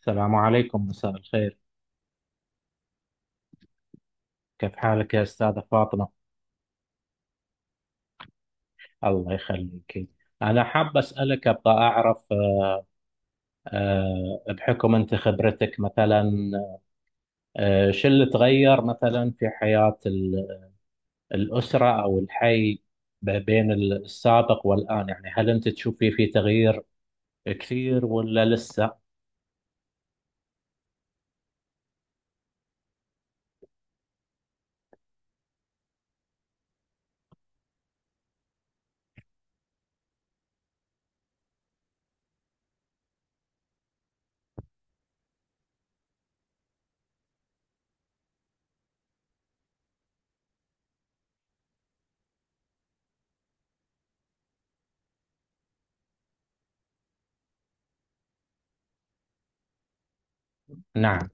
السلام عليكم، مساء الخير. كيف حالك يا أستاذة فاطمة؟ الله يخليك. أنا حاب أسألك، أبغى أعرف. بحكم أنت خبرتك مثلا، شو اللي تغير مثلا في حياة الأسرة أو الحي بين السابق والآن، يعني هل أنت تشوفي في تغيير كثير ولا لسه؟ نعم.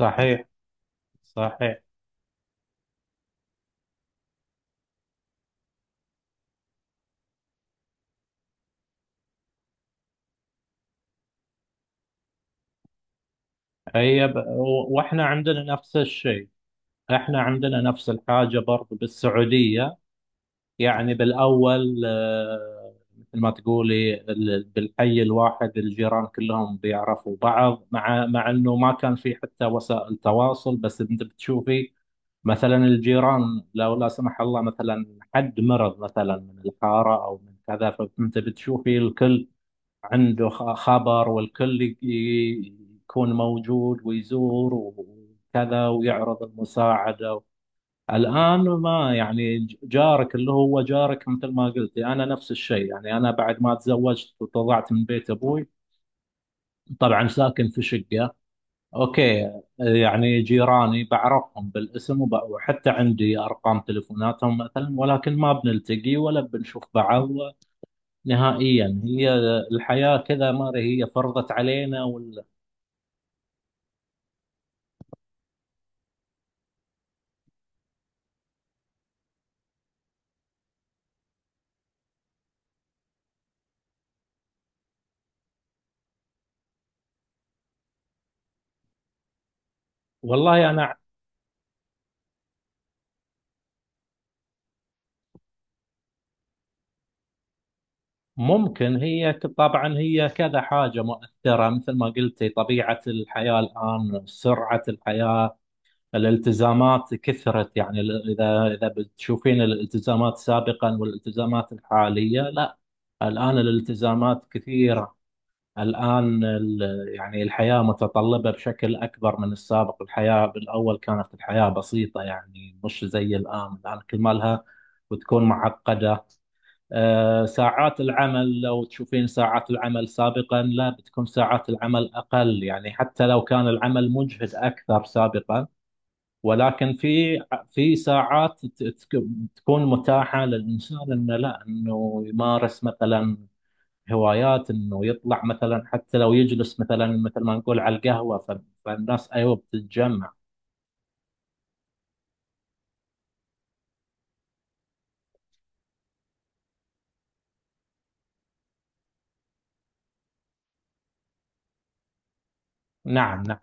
صحيح. صحيح. هي واحنا عندنا نفس الشيء، احنا عندنا نفس الحاجة برضو بالسعودية. يعني بالأول، مثل ما تقولي بالحي الواحد الجيران كلهم بيعرفوا بعض، مع مع إنه ما كان في حتى وسائل تواصل، بس أنت بتشوفي مثلا الجيران، لو لا سمح الله مثلا حد مرض مثلا من الحارة أو من كذا، فأنت بتشوفي الكل عنده خبر، والكل يكون موجود ويزور وكذا ويعرض المساعدة. الآن ما يعني جارك اللي هو جارك. مثل ما قلت، أنا نفس الشيء. يعني أنا بعد ما تزوجت وطلعت من بيت أبوي، طبعا ساكن في شقة، أوكي، يعني جيراني بعرفهم بالاسم وحتى عندي أرقام تليفوناتهم مثلا، ولكن ما بنلتقي ولا بنشوف بعض نهائيا. هي الحياة كذا، ما هي فرضت علينا ولا؟ والله أنا ممكن طبعا هي كذا حاجة مؤثرة. مثل ما قلتي، طبيعة الحياة الآن، سرعة الحياة، الالتزامات كثرت. يعني إذا إذا بتشوفين الالتزامات سابقا والالتزامات الحالية، لا، الآن الالتزامات كثيرة. الآن يعني الحياة متطلبة بشكل أكبر من السابق. الحياة بالأول كانت الحياة بسيطة، يعني مش زي الآن. الآن كل ما لها وتكون معقدة. ساعات العمل، لو تشوفين ساعات العمل سابقا، لا، بتكون ساعات العمل أقل، يعني حتى لو كان العمل مجهد أكثر سابقا، ولكن في في ساعات تكون متاحة للإنسان إنه، لا، إنه يمارس مثلا هوايات، إنه يطلع مثلا، حتى لو يجلس مثلا مثل ما نقول على القهوة. فالناس أيوه بتتجمع. نعم، نعم.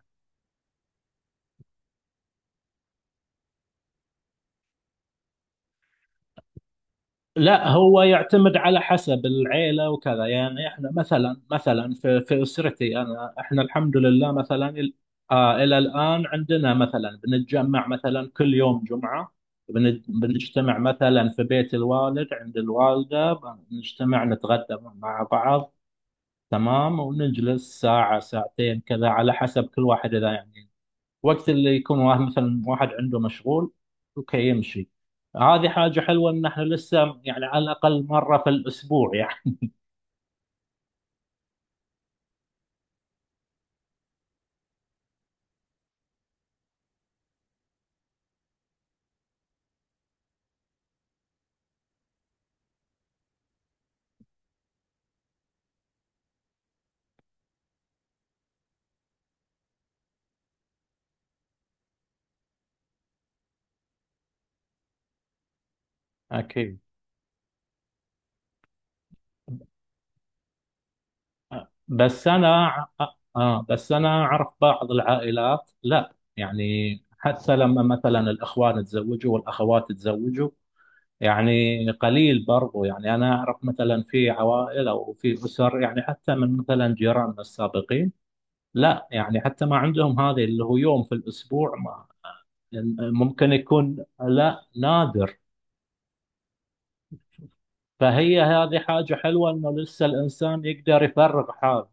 لا، هو يعتمد على حسب العيلة وكذا. يعني احنا مثلا، مثلا في في اسرتي انا، احنا الحمد لله مثلا آه، الى الان عندنا مثلا بنتجمع مثلا كل يوم جمعة، بنجتمع مثلا في بيت الوالد، عند الوالدة بنجتمع نتغدى مع بعض، تمام، ونجلس ساعة ساعتين كذا على حسب كل واحد، اذا يعني وقت اللي يكون واحد مثلا، واحد عنده مشغول، اوكي، يمشي. هذه حاجة حلوة ان احنا لسه يعني على الاقل مرة في الاسبوع يعني. اكيد. بس انا، اه بس انا اعرف بعض العائلات، لا يعني حتى لما مثلا الاخوان تزوجوا والاخوات تزوجوا، يعني قليل برضو. يعني انا اعرف مثلا في عوائل او في اسر، يعني حتى من مثلا جيراننا السابقين، لا يعني حتى ما عندهم هذه اللي هو يوم في الاسبوع، ممكن يكون لا، نادر. فهي هذه حاجة حلوة انه لسه الانسان يقدر يفرغ حاله.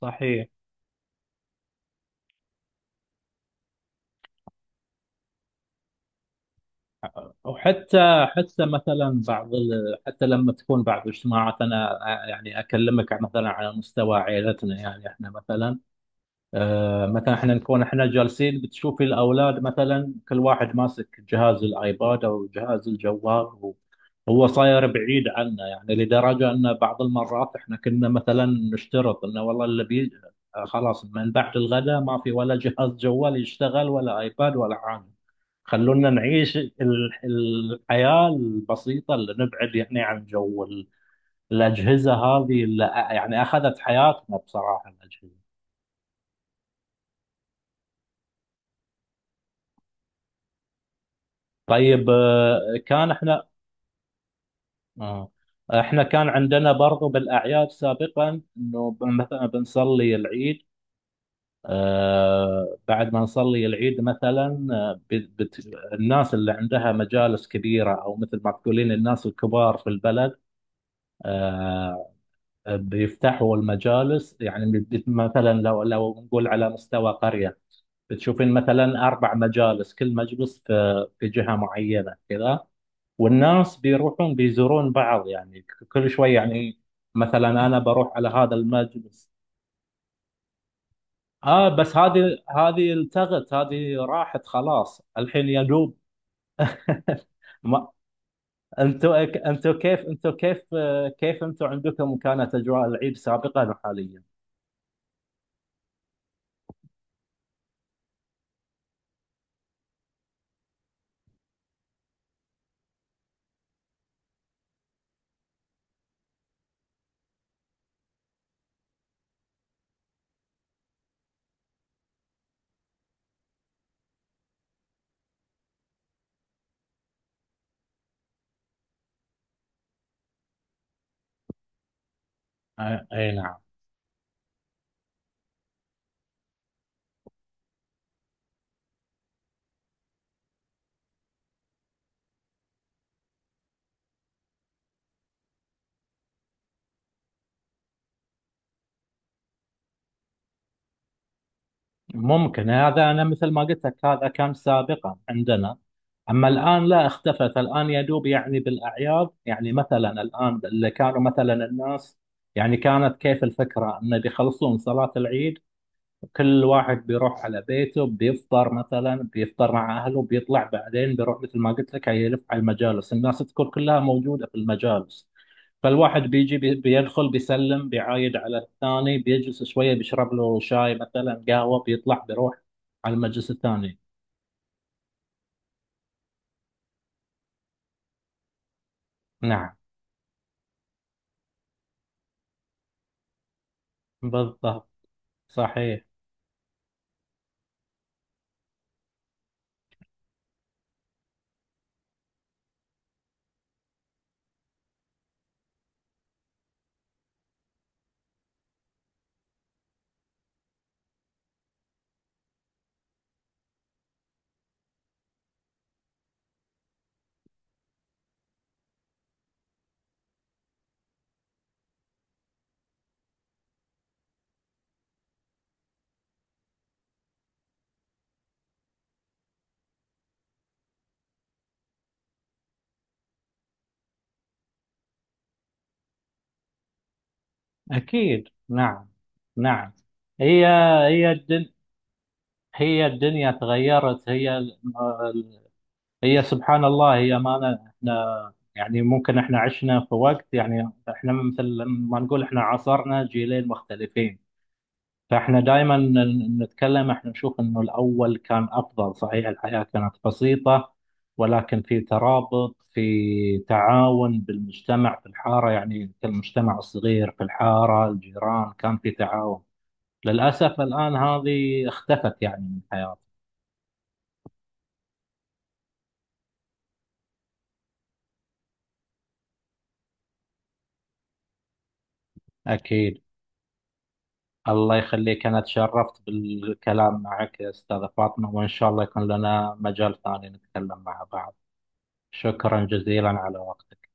صحيح. وحتى حتى مثلا بعض حتى لما تكون بعض الاجتماعات، انا يعني اكلمك مثلا على مستوى عائلتنا، يعني احنا مثلا، مثلا احنا نكون احنا جالسين، بتشوفي الاولاد مثلا كل واحد ماسك جهاز الايباد او جهاز الجوال، هو صاير بعيد عنا، يعني لدرجه ان بعض المرات احنا كنا مثلا نشترط انه والله اللي بي، خلاص من بعد الغداء ما في ولا جهاز جوال يشتغل ولا ايباد ولا حاجه، خلونا نعيش الحياه البسيطه اللي نبعد يعني عن جو الاجهزه هذه اللي يعني اخذت حياتنا بصراحه الاجهزه. طيب، آه، كان احنا آه، احنا كان عندنا برضو بالاعياد سابقا، انه مثلا بنصلي العيد، بعد ما نصلي العيد مثلا، الناس اللي عندها مجالس كبيره، او مثل ما تقولين الناس الكبار في البلد، آه، بيفتحوا المجالس. يعني مثلا لو لو نقول على مستوى قريه، بتشوفين مثلا اربع مجالس، كل مجلس في في جهه معينه كذا، والناس بيروحون بيزورون بعض، يعني كل شوي يعني. مثلا انا بروح على هذا المجلس. اه، بس هذه، هذه التغت هذه راحت خلاص الحين، يا دوب. ما انتوا، انتوا كيف، انتوا كيف، كيف انتوا عندكم كانت اجواء العيد سابقا وحاليا؟ اي نعم. ممكن هذا. أنا مثل ما قلت لك، هذا كان سابقا عندنا. أما الآن لا، اختفت. الآن يدوب يعني بالأعياد. يعني مثلا الآن اللي كانوا مثلا الناس، يعني كانت كيف الفكرة، أنه بيخلصون صلاة العيد، كل واحد بيروح على بيته، بيفطر مثلا، بيفطر مع أهله، بيطلع بعدين، بيروح مثل ما قلت لك، يلف على المجالس. الناس تكون كلها موجودة في المجالس، فالواحد بيجي بيدخل، بيسلم، بيعايد على الثاني، بيجلس شوية، بيشرب له شاي مثلا، قهوة، بيطلع بيروح على المجلس الثاني. نعم. بالضبط. صحيح. أكيد. نعم. نعم. هي هي الدن هي الدنيا تغيرت. ال- هي سبحان الله. هي ما أنا- احنا يعني ممكن احنا عشنا في وقت، يعني احنا مثل ما نقول، احنا عاصرنا جيلين مختلفين، فاحنا دائما نتكلم، احنا نشوف انه الاول كان افضل. صحيح، الحياة كانت بسيطة، ولكن في ترابط، في تعاون بالمجتمع، في الحارة يعني كالمجتمع الصغير، في الحارة الجيران كان في تعاون. للأسف الآن هذه اختفت يعني من حياتي. أكيد. الله يخليك، أنا تشرفت بالكلام معك يا أستاذة فاطمة، وإن شاء الله يكون لنا مجال ثاني نتكلم مع بعض. شكرا جزيلا على وقتك.